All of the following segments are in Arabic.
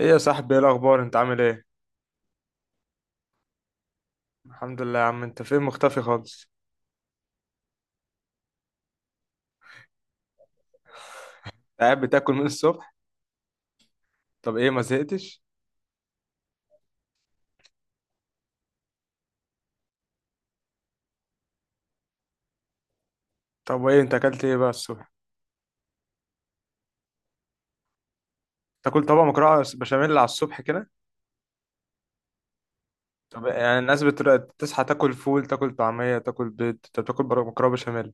ايه يا صاحبي، ايه الاخبار؟ انت عامل ايه؟ الحمد لله يا عم. انت فين مختفي خالص؟ قاعد بتاكل من الصبح؟ طب ايه، ما زهقتش؟ طب وايه، انت اكلت ايه بقى الصبح؟ تاكل طبق مكرونه بشاميل على الصبح كده؟ طب يعني الناس بتصحى تاكل فول، تاكل طعميه، تاكل بيض، انت بتاكل مكرونه بشاميل؟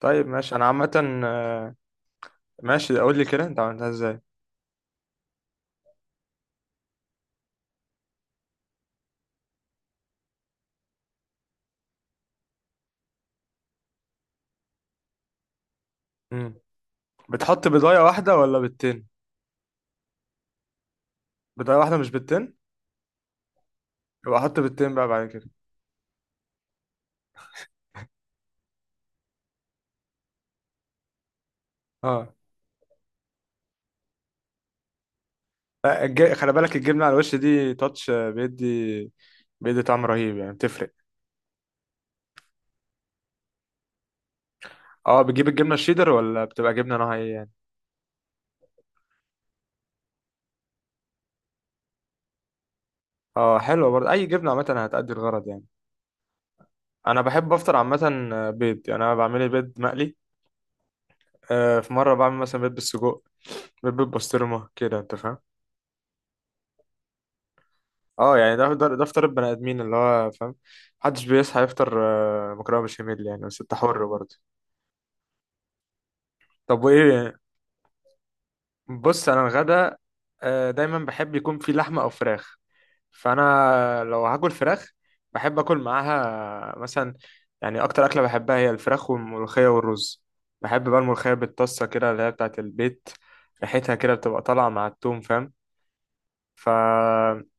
طيب ماشي، انا عامه. آه، ماشي، قول لي كده انت عملتها ازاي. امم. بتحط بيضايه واحده ولا بيضتين؟ بيضايه واحده مش بيضتين؟ يبقى احط بيضتين بقى بعد كده. اه، لا، خلي بالك الجبنة على الوش دي تاتش بيدي. بيدي طعم رهيب، يعني بتفرق. اه، بتجيب الجبنة الشيدر ولا بتبقى جبنة نوعها ايه يعني؟ اه، حلوة برضه، اي جبنة عامة هتأدي الغرض يعني. انا بحب افطر عامة بيض، يعني انا بعمل لي بيض مقلي. في مرة بعمل مثلا بيض بالسجق. بيض بالبسطرمة كده، انت فاهم؟ اه، يعني ده فطار البني ادمين، اللي هو فاهم. محدش بيصحى يفطر مكرونة بشاميل يعني، بس انت حر برضه. طب وايه؟ بص، انا الغدا دايما بحب يكون في لحمة او فراخ. فانا لو هاكل فراخ، بحب اكل معاها مثلا. يعني اكتر اكله بحبها هي الفراخ والملوخيه والرز. بحب بقى الملوخيه بالطاسه كده، اللي هي بتاعه البيت. ريحتها كده بتبقى طالعه مع التوم، فاهم؟ ف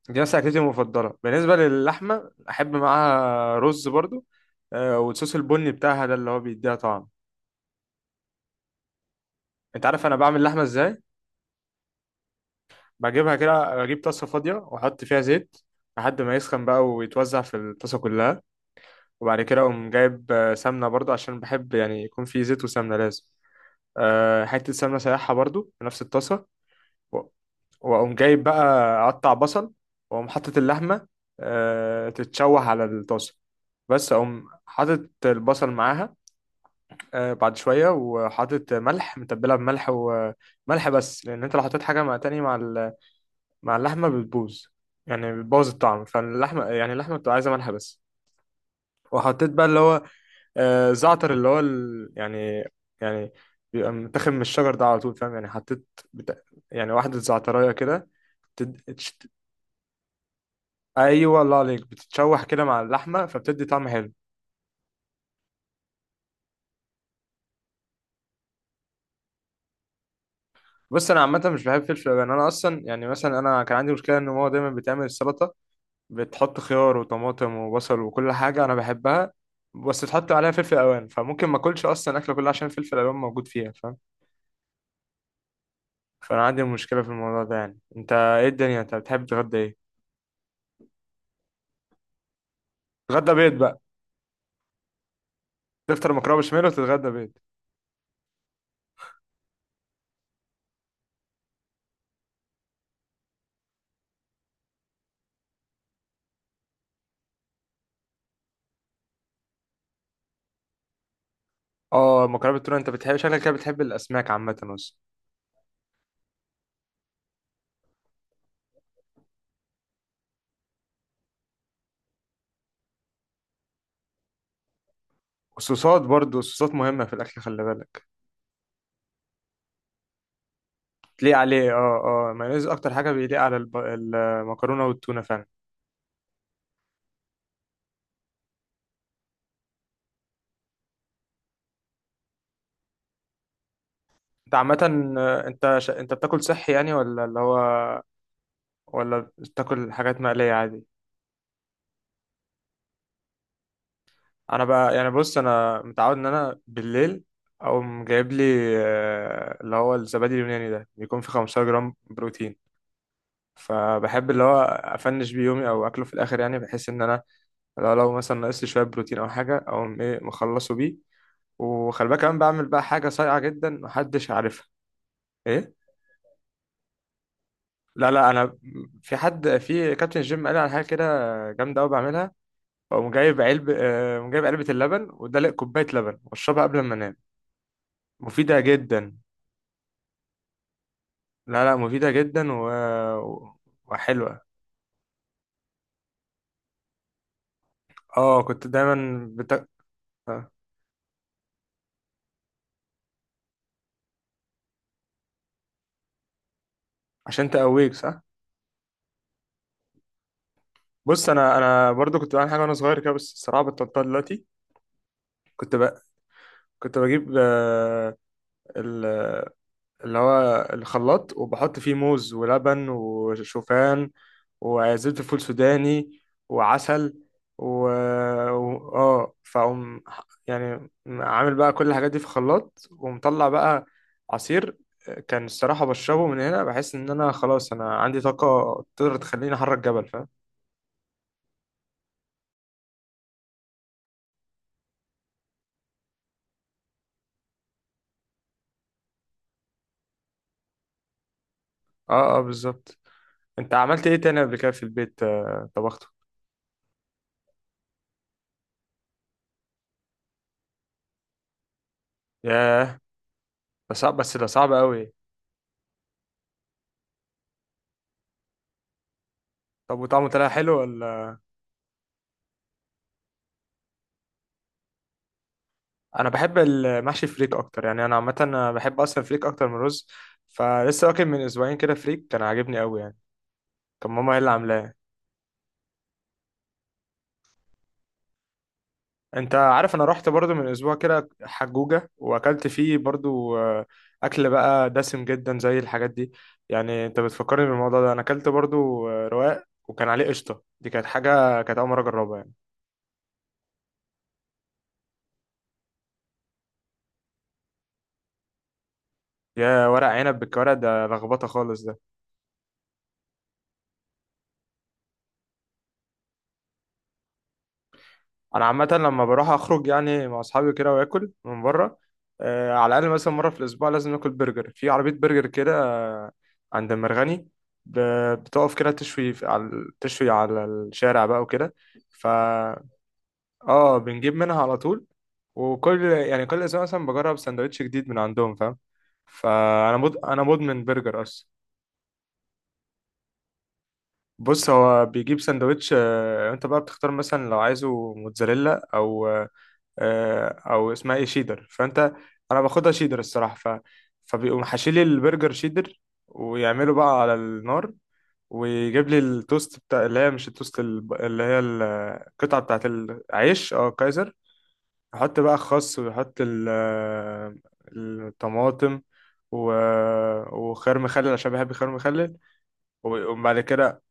دي مثلا اكلتي المفضله. بالنسبه للحمه، احب معاها رز برضو والصوص البني بتاعها ده اللي هو بيديها طعم. انت عارف انا بعمل اللحمه ازاي؟ بجيبها كده، بجيب طاسه فاضيه واحط فيها زيت، لحد ما يسخن بقى ويتوزع في الطاسه كلها. وبعد كده اقوم جايب سمنه برضو، عشان بحب يعني يكون في زيت وسمنه لازم. حته سمنه سايحه برضو في نفس الطاسه. و- واقوم جايب بقى، اقطع بصل، واقوم حاطط اللحمه تتشوح على الطاسه. بس اقوم حاطط البصل معاها بعد شويه، وحاطط ملح، متبلها بملح وملح بس، لان انت لو حطيت حاجه مع تاني مع مع اللحمه بتبوظ. يعني بتبوظ الطعم، فاللحمه يعني اللحمه بتبقى عايزه ملح بس. وحطيت بقى اللي هو زعتر، اللي هو يعني، يعني بيبقى متاخد من الشجر ده على طول، فاهم؟ يعني حطيت بتا... يعني واحدة زعتراية كده. تد... تشت... أيوة، الله عليك، بتتشوح كده مع اللحمة فبتدي طعم حلو. بص، أنا عامة مش بحب فلفل ألوان، أنا أصلا يعني مثلا أنا كان عندي مشكلة إن ماما دايما بتعمل السلطة، بتحط خيار وطماطم وبصل وكل حاجة أنا بحبها، بس تحط عليها فلفل ألوان، فممكن ما أكلش أصلا أكلة كلها عشان فلفل ألوان موجود فيها، فاهم؟ فأنا عندي مشكلة في الموضوع ده، يعني أنت إيه الدنيا، أنت بتحب تتغدى إيه؟ تتغدى بيض بقى؟ تفطر مكرونه بشاميل وتتغدى بيض؟ اه، مكرونه بالتونه، انت بتحب، شكلك كده بتحب الاسماك عامه اصلا. والصوصات برضو، الصوصات مهمه في الاكل، خلي بالك. تليق عليه، اه، اه، مايونيز اكتر حاجه بيليق على المكرونه والتونه فعلا. انت عامه، انت بتاكل صحي يعني، ولا اللي هو، ولا بتاكل حاجات مقليه عادي؟ انا بقى يعني بص، انا متعود ان انا بالليل اقوم جايب لي اللي هو الزبادي اليوناني ده بيكون فيه 15 جرام بروتين. فبحب اللي هو افنش بيه يومي او اكله في الاخر، يعني بحيث ان انا لو مثلا ناقص لي شويه بروتين او حاجه او ايه، مخلصه بيه. وخلي بالك كمان بعمل بقى حاجه صايعه جدا، محدش عارفها. ايه؟ لا، لا، انا في حد في كابتن الجيم قال لي على حاجه كده، جامده قوي، بعملها. اقوم جايب علب آه، قوم جايب علبه اللبن، ودلق كوبايه لبن واشربها قبل ما انام. مفيده جدا. لا، لا، مفيده جدا وحلوه. اه، كنت دايما آه، عشان تقويك صح. بص، انا برضو كنت بعمل حاجه وانا صغير كده، بس الصراحه بطلتها دلوقتي. كنت بقى، كنت بجيب ال- اللي هو الخلاط، وبحط فيه موز ولبن وشوفان، وزبده فول سوداني، وعسل و اه، يعني عامل بقى كل الحاجات دي في خلاط، ومطلع بقى عصير. كان الصراحه بشربه من هنا، بحس ان انا خلاص انا عندي طاقه تقدر تخليني احرك جبل، فاهم؟ اه، اه، بالظبط. انت عملت ايه تاني قبل كده في البيت طبخته؟ ياه، ده صعب، بس ده صعب قوي. طب وطعمه طلع حلو ولا؟ انا بحب المحشي فريك اكتر، يعني انا عامه انا بحب اصلا فريك اكتر من رز. فلسه واكل من اسبوعين كده فريك، كان عاجبني قوي يعني. كان ماما هي اللي عاملاه. انت عارف انا رحت برضو من اسبوع كده حجوجة، واكلت فيه برضو اكل بقى دسم جدا زي الحاجات دي. يعني انت بتفكرني بالموضوع ده، انا اكلت برضو رواق وكان عليه قشطة. دي كانت حاجة كانت أول مرة أجربها يعني. يا ورق عنب بالكوارع، ده لخبطه خالص ده. انا عامه لما بروح اخرج يعني مع اصحابي كده، واكل من بره على الاقل مثلا مره في الاسبوع لازم ناكل برجر في عربيه برجر كده، آه، عند المرغني، بتقف كده تشوي على، تشوي على الشارع بقى وكده. فا اه، بنجيب منها على طول، وكل يعني كل اسبوع مثلا بجرب سندوتش جديد من عندهم، فاهم؟ انا مدمن برجر اصلا. بص، هو بيجيب سندوتش انت بقى بتختار، مثلا لو عايزه موتزاريلا او او اسمها ايه، شيدر. فانت، انا باخدها شيدر الصراحه فبيقوم حاشيلي البرجر شيدر، ويعمله بقى على النار، ويجيب لي التوست بتاع، اللي هي مش التوست اللي هي القطعه بتاعت العيش، اه، كايزر. يحط بقى خس، ويحط الطماطم و... وخيار مخلل، عشان بحب خيار مخلل. وبعد كده،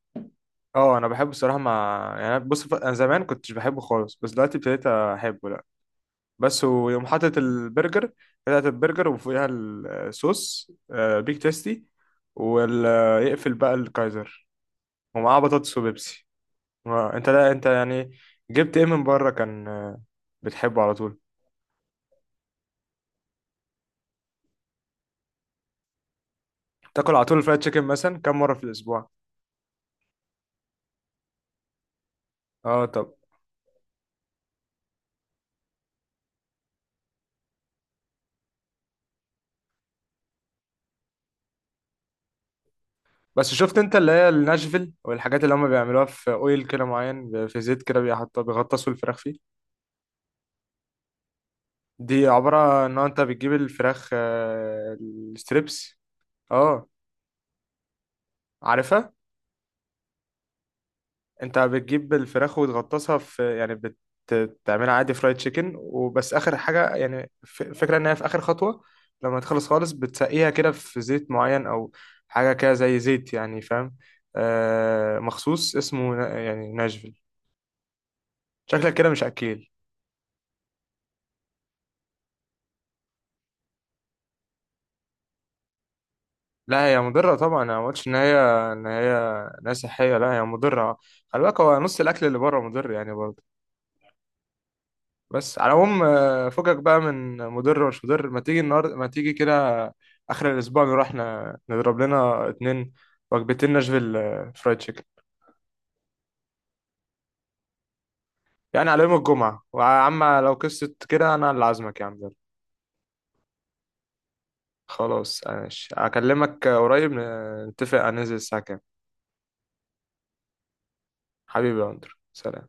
اه، انا بحبه الصراحه مع، يعني بص انا زمان كنتش بحبه خالص، بس دلوقتي ابتديت احبه، لا، بس ويوم حاطط البرجر، بتاعت البرجر وفوقها الصوص بيك تيستي. ويقفل بقى الكايزر، ومعاه بطاطس وبيبسي. انت، لا انت يعني، جبت ايه من بره؟ كان بتحبه على طول؟ تاكل على طول الفرايد تشيكن مثلا كم مره في الاسبوع؟ اه، طب، بس شفت انت اللي هي الناشفيل والحاجات اللي هم بيعملوها في اويل كده معين، في زيت كده بيحطوا بيغطسوا الفراخ فيه. دي عبارة ان انت بتجيب الفراخ الستريبس. اه، عارفها. انت بتجيب الفراخ وتغطسها في، يعني بتعملها عادي فرايد تشيكن وبس، اخر حاجة يعني فكرة ان هي في اخر خطوة، لما تخلص خالص بتسقيها كده في زيت معين، او حاجة كده زي زيت يعني، فاهم؟ مخصوص، اسمه يعني ناشفيل. شكلك كده مش اكيل. لا، هي مضرة طبعا، انا ما قلتش ان هي ان هي إن هي صحية، لا هي مضرة. خلي بالك، هو نص الاكل اللي بره مضر يعني برضه. بس على العموم فكك بقى من مضر ومش مضر، ما تيجي النهارده، ما تيجي كده، اخر الاسبوع نروح نضرب لنا 2 وجبتين ناشفيل فرايد تشيكن. يعني على يوم الجمعة، ويا عم لو قصة كده انا اللي عازمك يا عم، يلا. خلاص ماشي، اكلمك قريب نتفق هننزل الساعة كام. حبيبي يا اندرو، سلام.